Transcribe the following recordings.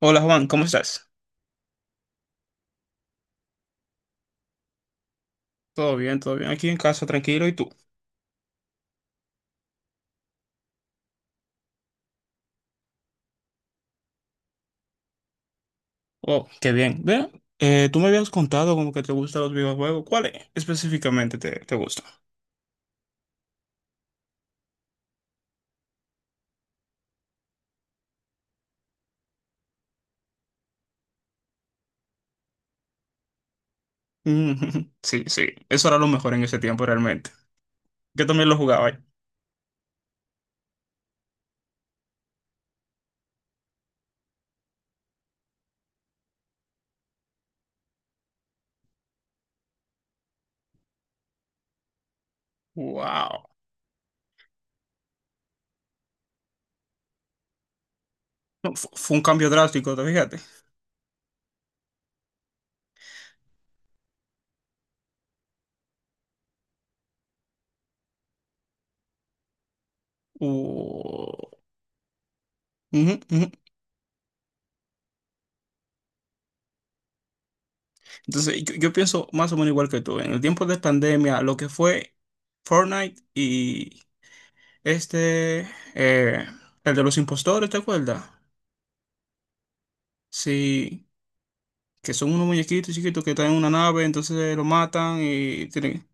Hola Juan, ¿cómo estás? Todo bien, todo bien. Aquí en casa, tranquilo. ¿Y tú? Oh, qué bien. Ve, tú me habías contado como que te gustan los videojuegos. ¿Cuál es específicamente te gusta? Mm, sí, sí. Eso era lo mejor en ese tiempo realmente. Yo también lo jugaba. ¿Eh? Wow. No, fue un cambio drástico, ¿te fíjate? Uh, ujú, ujú. Entonces, yo pienso más o menos igual que tú. En el tiempo de pandemia, lo que fue Fortnite y este, eh, el de los impostores, ¿te acuerdas? Sí. Que son unos muñequitos chiquitos que están en una nave, entonces lo matan y tienen...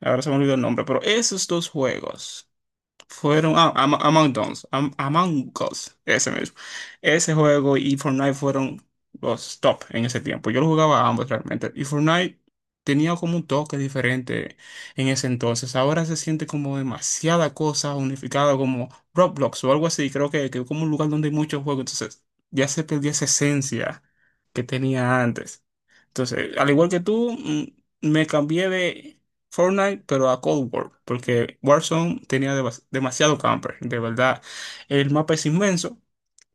Ahora se me olvidó el nombre, pero esos dos juegos fueron... Ah, Among Us, Among Us, ese mismo. Ese juego y Fortnite fueron los top en ese tiempo. Yo lo jugaba a ambos realmente. Y Fortnite tenía como un toque diferente en ese entonces. Ahora se siente como demasiada cosa unificada, como Roblox o algo así. Creo que como un lugar donde hay muchos juegos, entonces ya se perdió esa esencia que tenía antes. Entonces, al igual que tú, me cambié de Fortnite, pero a Cold War, porque Warzone tenía demasiado camper, de verdad. El mapa es inmenso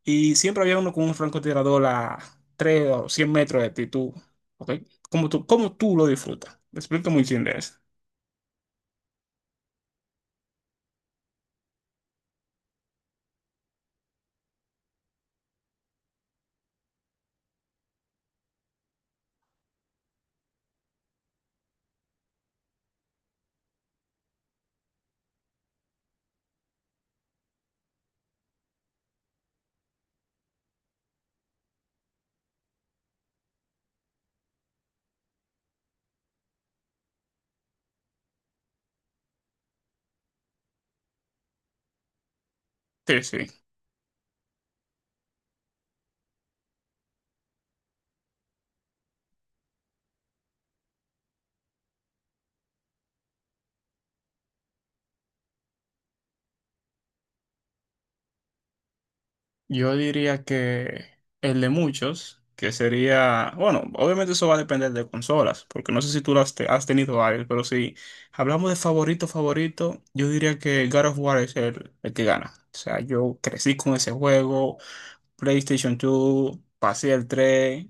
y siempre había uno con un francotirador a 3 o 100 metros de ti, tú, ¿ok? Como tú lo disfrutas. Me explico muy bien de eso. Sí, sí. Yo diría que el de muchos, que sería, bueno, obviamente eso va a depender de consolas, porque no sé si tú las has tenido varias, pero si hablamos de favorito, favorito, yo diría que God of War es el que gana. O sea, yo crecí con ese juego, PlayStation 2, pasé el 3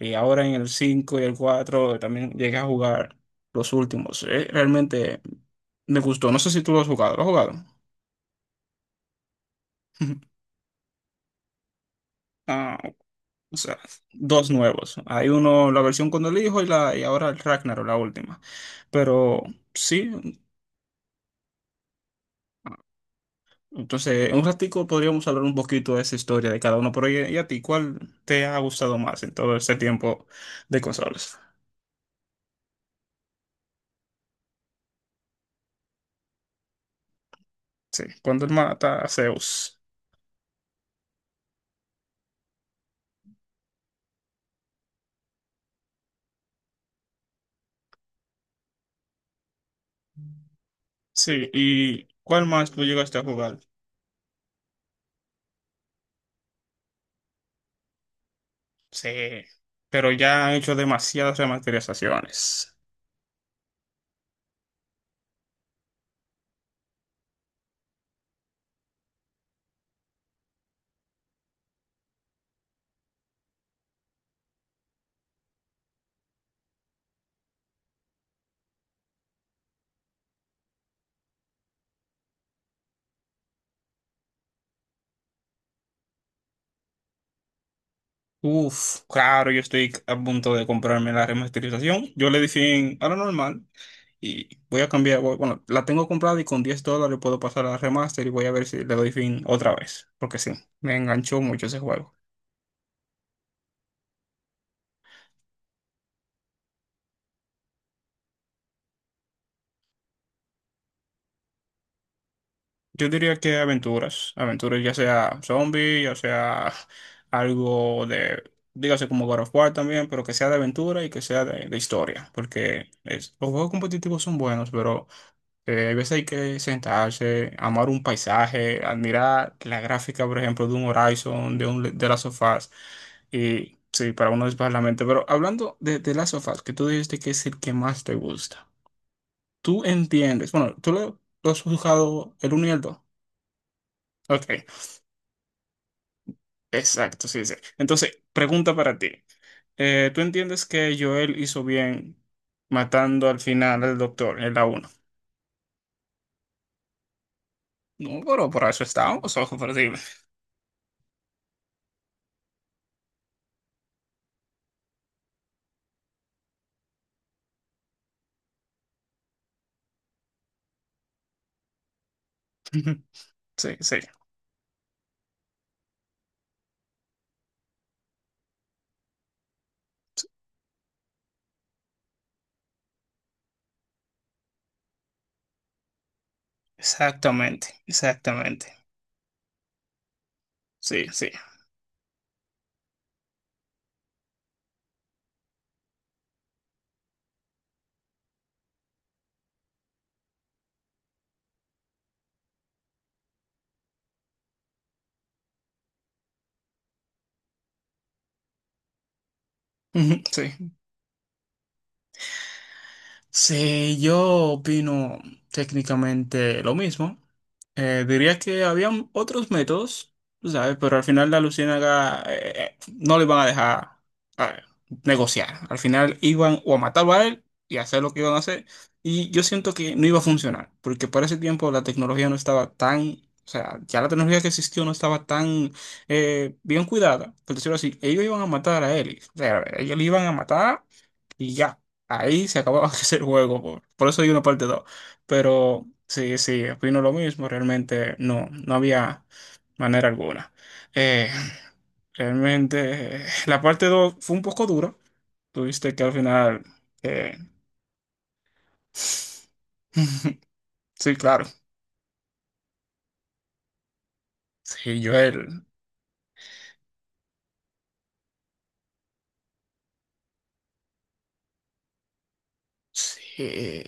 y ahora en el 5 y el 4 también llegué a jugar los últimos. Realmente me gustó, no sé si tú lo has jugado, ¿lo has jugado? Ah, o sea, dos nuevos. Hay uno, la versión con el hijo y ahora el Ragnarok, la última. Pero sí, entonces en un ratico podríamos hablar un poquito de esa historia de cada uno. Pero ¿y a ti cuál te ha gustado más en todo ese tiempo de consolas? Sí, cuando él mata a Zeus. Sí, ¿y cuál más tú llegaste a jugar? Sí, pero ya han hecho demasiadas remasterizaciones. Uf, claro, yo estoy a punto de comprarme la remasterización. Yo le di fin a lo normal. Y voy a cambiar, bueno, la tengo comprada y con $10 puedo pasar a remaster y voy a ver si le doy fin otra vez, porque sí, me enganchó mucho ese juego. Yo diría que aventuras, aventuras ya sea zombie, ya sea algo de, dígase como God of War también, pero que sea de aventura y que sea de historia, porque los juegos competitivos son buenos, pero hay veces hay que sentarse, amar un paisaje, admirar la gráfica, por ejemplo, de un Horizon, de las sofás. Y sí, para uno despejar la mente. Pero hablando de las sofás, que tú dijiste que es el que más te gusta. Tú entiendes. Bueno, tú lo has jugado el uno y el dos. Ok, exacto, sí, sí. Entonces, pregunta para ti. ¿Tú entiendes que Joel hizo bien matando al final al doctor en la uno? No, pero por eso estábamos, ojo, por Sí, sí. Exactamente, exactamente. Sí, sí. Ujú, sí. Sí, yo opino técnicamente lo mismo. Diría que habían otros métodos, tú ¿sabes? Pero al final la Luciérnaga no le iban a dejar eh, negociar. Al final iban o a matarlo a él y hacer lo que iban a hacer. Y yo siento que no iba a funcionar, porque para ese tiempo la tecnología no estaba tan, o sea, ya la tecnología que existió no estaba tan bien cuidada, por decirlo así. Ellos iban a matar a él. O sea, ellos le iban a matar y ya, ahí se acababa ese juego, por eso hay una parte dos. Pero sí, sí, opino lo mismo, realmente no, no había manera alguna. Eh, realmente la parte 2 fue un poco dura, tuviste que al final... eh, Sí, claro. Sí, Joel. Sí.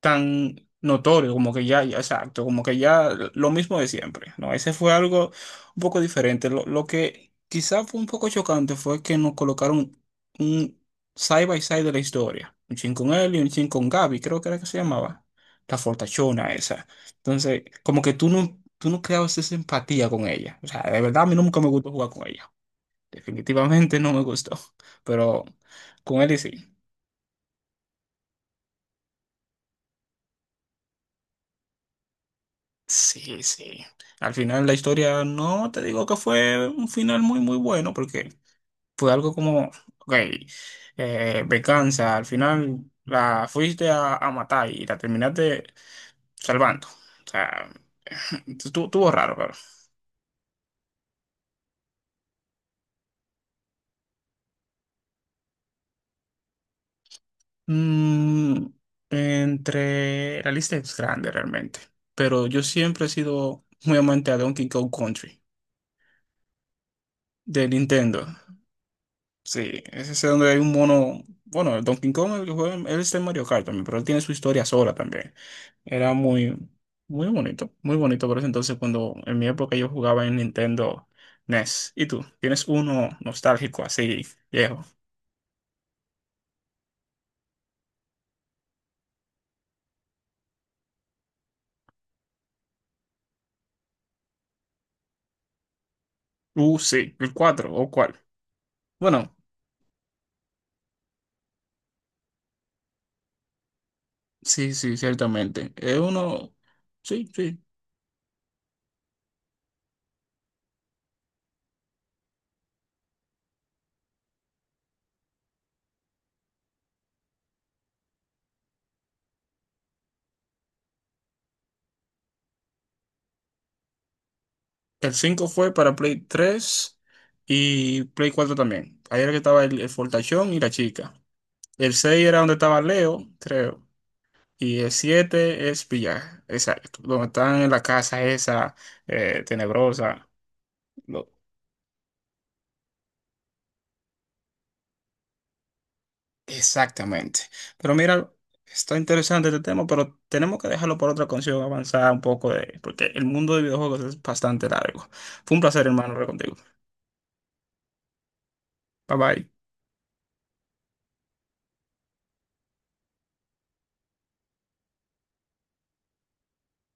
Tan notorio, como que ya, ya, exacto, como que ya lo mismo de siempre, ¿no? Ese fue algo un poco diferente. Lo que quizá fue un poco chocante fue que nos colocaron un side by side de la historia, un chin con él y un chin con Gaby, creo que era que se llamaba, la fortachona esa. Entonces, como que tú no creabas esa empatía con ella. O sea, de verdad a mí nunca me gustó jugar con ella. Definitivamente no me gustó, pero con él y sí. Sí, sí. Al final la historia no te digo que fue un final muy, muy bueno, porque fue algo como, ok, venganza, al final la fuiste a matar y la terminaste salvando. O sea, estuvo, estuvo raro, pero. Mm, entre la lista es grande realmente, pero yo siempre he sido muy amante a Donkey Kong Country de Nintendo. Sí, es ese donde hay un mono. Bueno, el Donkey Kong, el que juega, él está en Mario Kart también, pero él tiene su historia sola también. Era muy, muy bonito por eso entonces cuando en mi época yo jugaba en Nintendo NES. ¿Y tú? ¿Tienes uno nostálgico así, viejo? Sí, el 4. ¿O cuál? Bueno, sí, sí, ciertamente. Es uno, sí, sí. El 5 fue para Play 3 y Play 4 también. Ahí era que estaba el fortachón y la chica. El 6 era donde estaba Leo, creo. Y el 7 es Villar, exacto. Donde están en la casa esa tenebrosa. Lo- exactamente. Pero mira, está interesante este tema, pero tenemos que dejarlo por otra canción, avanzar un poco porque el mundo de videojuegos es bastante largo. Fue un placer, hermano, hablar contigo. Bye bye.